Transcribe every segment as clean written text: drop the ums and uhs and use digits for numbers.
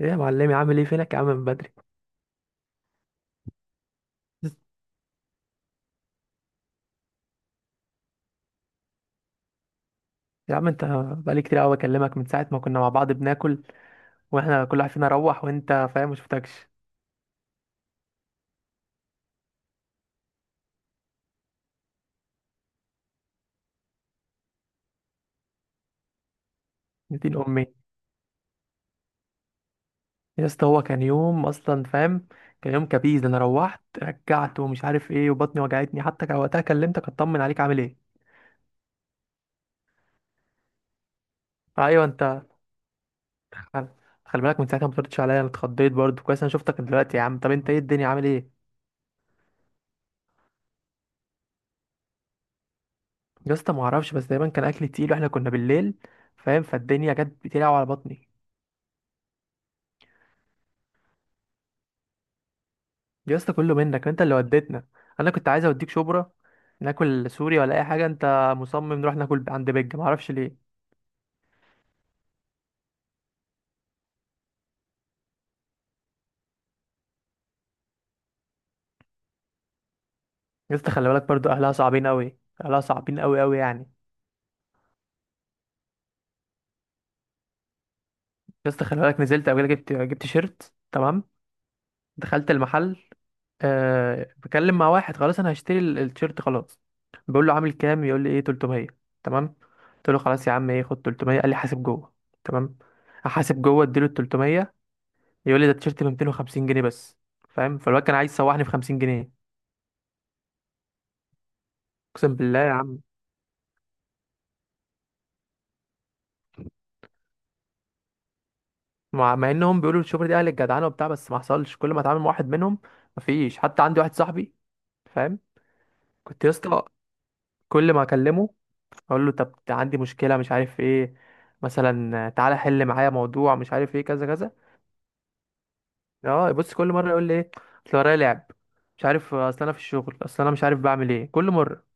ايه يا معلمي، عامل ايه؟ فينك يا عم من بدري؟ يا عم انت بقالي كتير قوي بكلمك من ساعه ما كنا مع بعض بناكل، واحنا كل واحد فينا روح، وانت فاهم ما شفتكش. نتين امي. يا اسطى هو كان يوم اصلا، فاهم؟ كان يوم كبيز، انا روحت رجعت ومش عارف ايه، وبطني وجعتني، حتى كان وقتها كلمتك اطمن عليك عامل ايه. ايوه انت، خل... خلي بالك من ساعتها ما بتردش عليا، انا اتخضيت برضه كويس. انا شفتك دلوقتي يا عم، طب انت ايه الدنيا عامل ايه؟ يا اسطى ما اعرفش، بس دايما كان اكل تقيل، واحنا كنا بالليل فاهم، فالدنيا جت بتلعب على بطني. يا اسطى كله منك انت اللي وديتنا. انا كنت عايز اوديك شبرا ناكل سوري ولا اي حاجه، انت مصمم نروح ناكل عند بيج معرفش ليه. يا اسطى خلي بالك برضو اهلها صعبين قوي، اهلها صعبين قوي قوي يعني. يا اسطى خلي بالك، نزلت قبل كده جبت شيرت، تمام؟ دخلت المحل، أه بكلم مع واحد، خلاص انا هشتري التيشيرت خلاص. بقول له عامل كام، يقول لي ايه 300. تمام. قلت له خلاص يا عم، ايه خد 300. قال لي حاسب جوه. تمام. احاسب جوه، اديله ال 300، يقول لي ده التيشيرت ب 250 جنيه بس. فاهم؟ فالواد كان عايز يسوحني في 50 جنيه. اقسم بالله يا عم، مع انهم بيقولوا الشوبر دي اهل الجدعنه وبتاع، بس ما حصلش. كل ما اتعامل مع واحد منهم، مفيش حتى عندي واحد صاحبي فاهم. كنت يا اسطى كل ما اكلمه اقول له طب عندي مشكله مش عارف ايه، مثلا تعالى حل معايا موضوع مش عارف ايه كذا كذا. اه بص، كل مره يقول لي ايه، اصل ورايا لعب، مش عارف اصل انا في الشغل، اصل انا مش عارف بعمل ايه كل مره.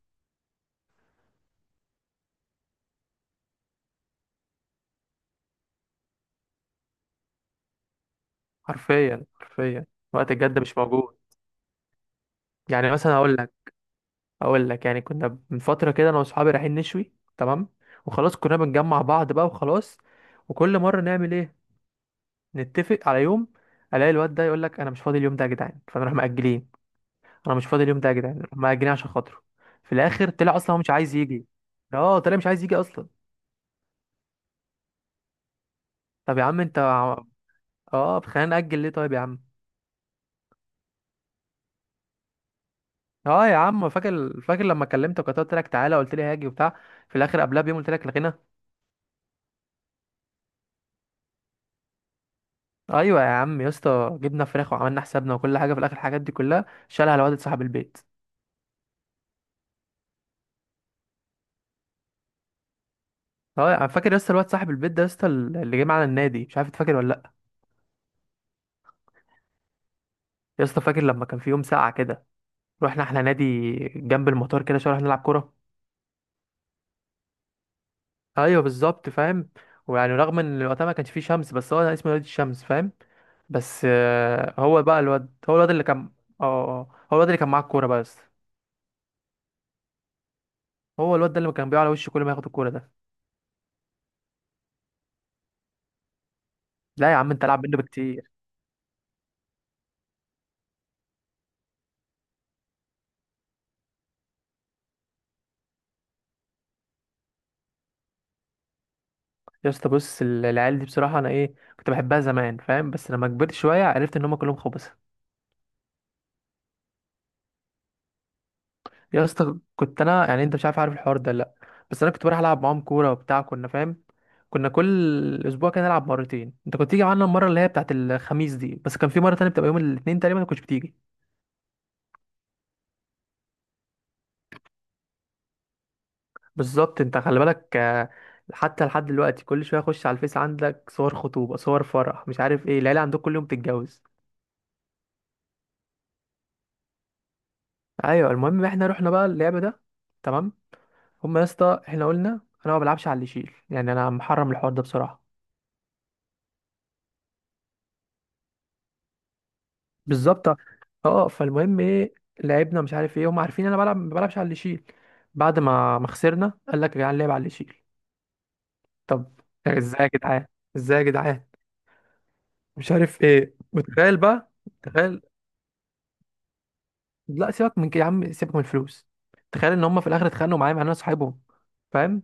حرفيا حرفيا، وقت الجد مش موجود. يعني مثلا هقول لك، اقول لك، يعني كنا من فتره كده انا واصحابي رايحين نشوي، تمام؟ وخلاص كنا بنجمع بعض بقى، وخلاص. وكل مره نعمل ايه، نتفق على يوم، الاقي الواد ده يقول لك انا مش فاضي اليوم ده يا جدعان، فنروح مأجلين. انا مش فاضي اليوم ده يا جدعان، نروح مأجلين عشان خاطره. في الاخر طلع اصلا هو مش عايز يجي. اه طلع مش عايز يجي اصلا. طب يا عم انت اه طب خلينا نأجل ليه طيب يا عم. اه يا عم، فاكر لما كلمتك وقتها قلت لك تعالى، قلت لي هاجي وبتاع، في الاخر قبلها بيوم قلت لك لغينا. ايوه يا عم يا اسطى، جبنا فراخ وعملنا حسابنا وكل حاجه، في الاخر الحاجات دي كلها شالها الواد صاحب البيت. اه انا فاكر يا اسطى الواد صاحب البيت ده يا اسطى اللي جه معانا النادي، مش عارف تفاكر ولا لا. يا اسطى فاكر لما كان في يوم ساقعه كده، رحنا احنا نادي جنب المطار كده شويه، رحنا نلعب كوره. ايوه بالظبط، فاهم؟ ويعني رغم ان وقتها ما كانش فيه شمس، بس هو اسمه نادي الشمس فاهم. بس هو بقى الواد، هو الواد اللي كان. اه هو الواد اللي كان معاه الكوره بقى يا اسطى. هو الواد ده اللي كان بيقع على وشه كل ما ياخد الكوره ده. لا يا عم انت العب منه بكتير. يا اسطى بص، العيال دي بصراحه انا ايه كنت بحبها زمان فاهم، بس لما كبرت شويه عرفت ان هم كلهم خبص. يا اسطى كنت انا يعني، انت مش عارف عارف الحوار ده لا، بس انا كنت بروح العب معاهم كوره وبتاع، كنا فاهم. كنا كل اسبوع كده نلعب مرتين، انت كنت تيجي معانا المره اللي هي بتاعت الخميس دي، بس كان في مره تانية بتبقى يوم الاثنين تقريبا ما كنتش بتيجي. بالظبط. انت خلي بالك حتى لحد دلوقتي كل شويه اخش على الفيس، عندك صور خطوبه، صور فرح، مش عارف ايه. العيله عندك كل يوم بتتجوز. ايوه المهم احنا رحنا بقى اللعبه ده، تمام؟ هما يا اسطى احنا قلنا، انا ما بلعبش على اللي يشيل، يعني انا محرم الحوار ده بصراحه. بالظبط. اه فالمهم ايه، لعبنا مش عارف ايه، هما عارفين انا بلعب ما بلعبش على اللي يشيل. بعد ما خسرنا قال لك يا جدعان، لعب على اللي يشيل. طب ازاي يا جدعان، ازاي يا جدعان، مش عارف ايه. وتخيل بقى، تخيل. لا سيبك من كده يا عم، سيبك من الفلوس، تخيل ان هما في الاخر اتخانقوا معايا مع ان انا صاحبهم فاهم.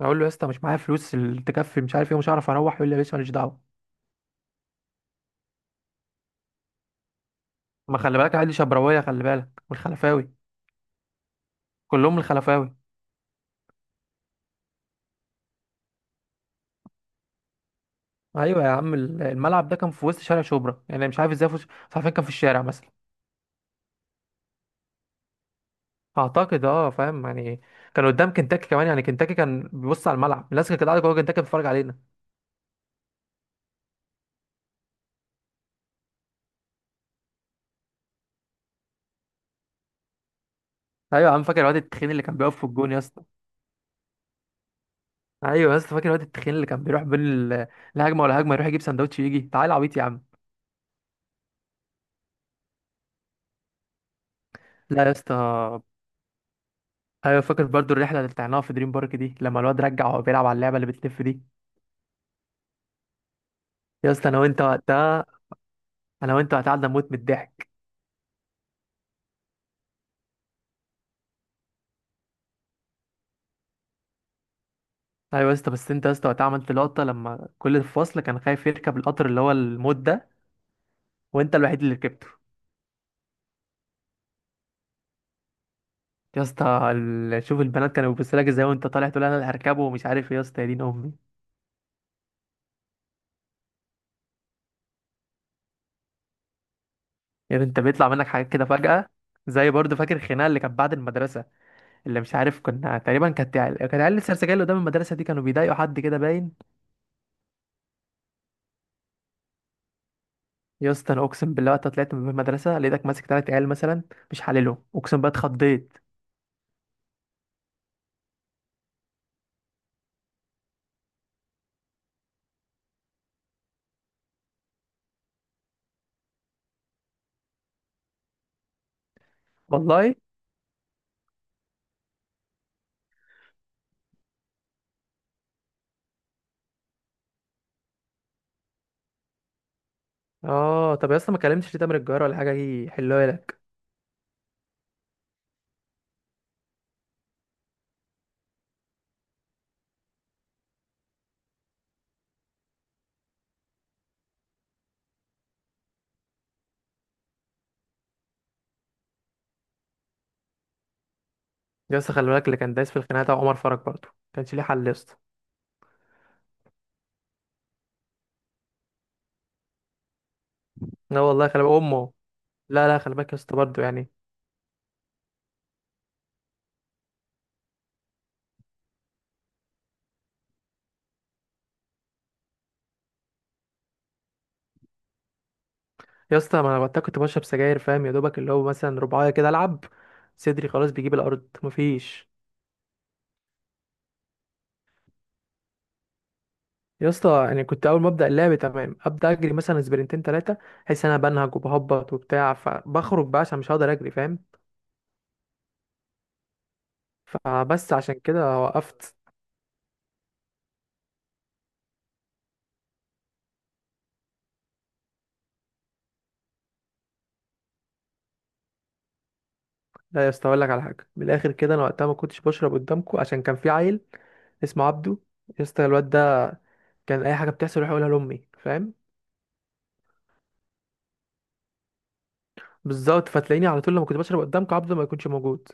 اقول له يا اسطى مش معايا فلوس اللي تكفي مش عارف ايه، مش هعرف اروح، يقول لي يا باشا ماليش دعوه. ما خلي بالك عادي شبراويه، خلي بالك والخلفاوي. كلهم الخلفاوي. ايوه يا عم، الملعب ده كان في وسط شارع شبرا يعني، مش عارف ازاي، في مش عارفين، كان في الشارع مثلا. اعتقد اه فاهم يعني، كان قدام كنتاكي كمان يعني، كنتاكي كان بيبص على الملعب، الناس كانت قاعده جوه كنتاكي بتتفرج علينا. ايوه يا عم فاكر الواد التخين اللي كان بيقف في الجون يا اسطى. ايوه يا اسطى فاكر الواد التخين اللي كان بيروح بين الهجمه والهجمه يروح يجيب سندوتش، يجي تعال عبيط يا عم. لا يا اسطى. ايوه فاكر برضو الرحله اللي طلعناها في دريم بارك دي، لما الواد رجع وهو بيلعب على اللعبه اللي بتلف دي. يا اسطى انا وانت وقتها، قعدنا نموت من الضحك. ايوه يا اسطى، بس انت يا اسطى وقتها عملت لقطه لما كل الفصل كان خايف يركب القطر اللي هو الموت ده، وانت الوحيد اللي ركبته. يا اسطى، شوف البنات كانوا بيبصوا لك ازاي وانت طالع تقول انا اللي هركبه ومش عارف ايه يا اسطى، يا دين امي. يعني انت بيطلع منك حاجات كده فجاه. زي برضه فاكر الخناقه اللي كانت بعد المدرسه، اللي مش عارف، كنا تقريبا كانت كانت عيال السرسجيه اللي قدام المدرسه دي كانوا بيضايقوا حد كده باين. يا اسطى انا اقسم بالله وقت طلعت من المدرسه لقيتك ماسك تلات عيال مثلا، مش حللهم اقسم بقى، اتخضيت والله. اه طب يا اسطى ما كلمتش ليه تامر الجار ولا حاجه يحلوها لك؟ يا اسطى خلي بالك اللي كان دايس في الخناقه ده عمر فرج، برضه كانش ليه حل يا اسطى. لا والله خلي بالك امه، لا لا خلي بالك يا اسطى برضه يعني. يا اسطى ما انا وقتها كنت بشرب سجاير فاهم، يا دوبك اللي هو مثلا رباعيه كده العب، صدري خلاص بيجيب الارض، مفيش. يا اسطى يعني كنت اول ما ابدا اللعب تمام، ابدا اجري مثلا سبرنتين ثلاثه، احس إن انا بنهج وبهبط وبتاع، فبخرج بقى عشان مش هقدر اجري فاهم. فبس عشان كده وقفت. لا يا اسطى، اقول لك على حاجه من الاخر كده، انا وقتها ما كنتش بشرب قدامكم عشان كان في عيل اسمه عبده. يا اسطى الواد ده كان اي حاجه بتحصل يروح يقولها لامي فاهم. بالظبط. فتلاقيني على طول لما كنت بشرب قدامك عبده ما يكونش موجود.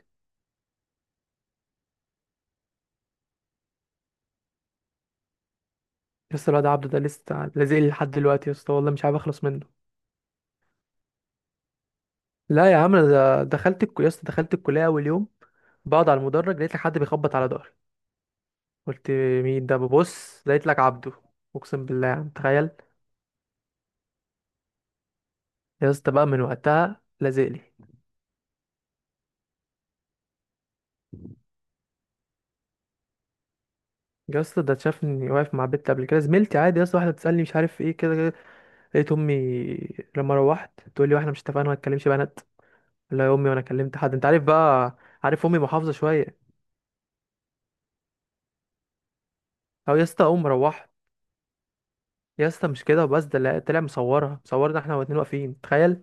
لسه الواد عبده ده لسه لازق لي لحد دلوقتي يا اسطى، والله مش عارف اخلص منه. لا يا عم، انا دخلت يا اسطى دخلت الكليه اول يوم، بقعد على المدرج لقيت لك حد بيخبط على ظهري، قلت مين ده، ببص لقيت لك عبده. اقسم بالله يا عم تخيل. يا اسطى بقى من وقتها لازق لي. يا اسطى ده شافني واقف مع بنت قبل كده زميلتي، عادي يا اسطى، واحده بتسالني مش عارف ايه كده كده، لقيت امي لما روحت تقول لي واحنا مش اتفقنا ما تكلمش بنات. لا يا امي وانا كلمت حد، انت عارف بقى، عارف امي محافظه شويه. او يا اسطى قوم روح. يا اسطى مش كده وبس، ده طلع مصورها، مصورنا احنا واتنين واقفين، تخيل.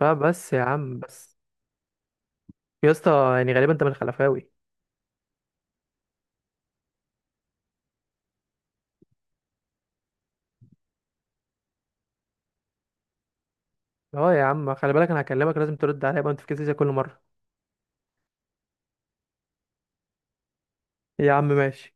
فبس يا عم بس. يا اسطى يعني غالبا انت من الخلفاوي. اه يا عم خلي بالك، انا هكلمك لازم ترد عليا بقى، ما تفكسش زي كل مره. يا عم ماشي.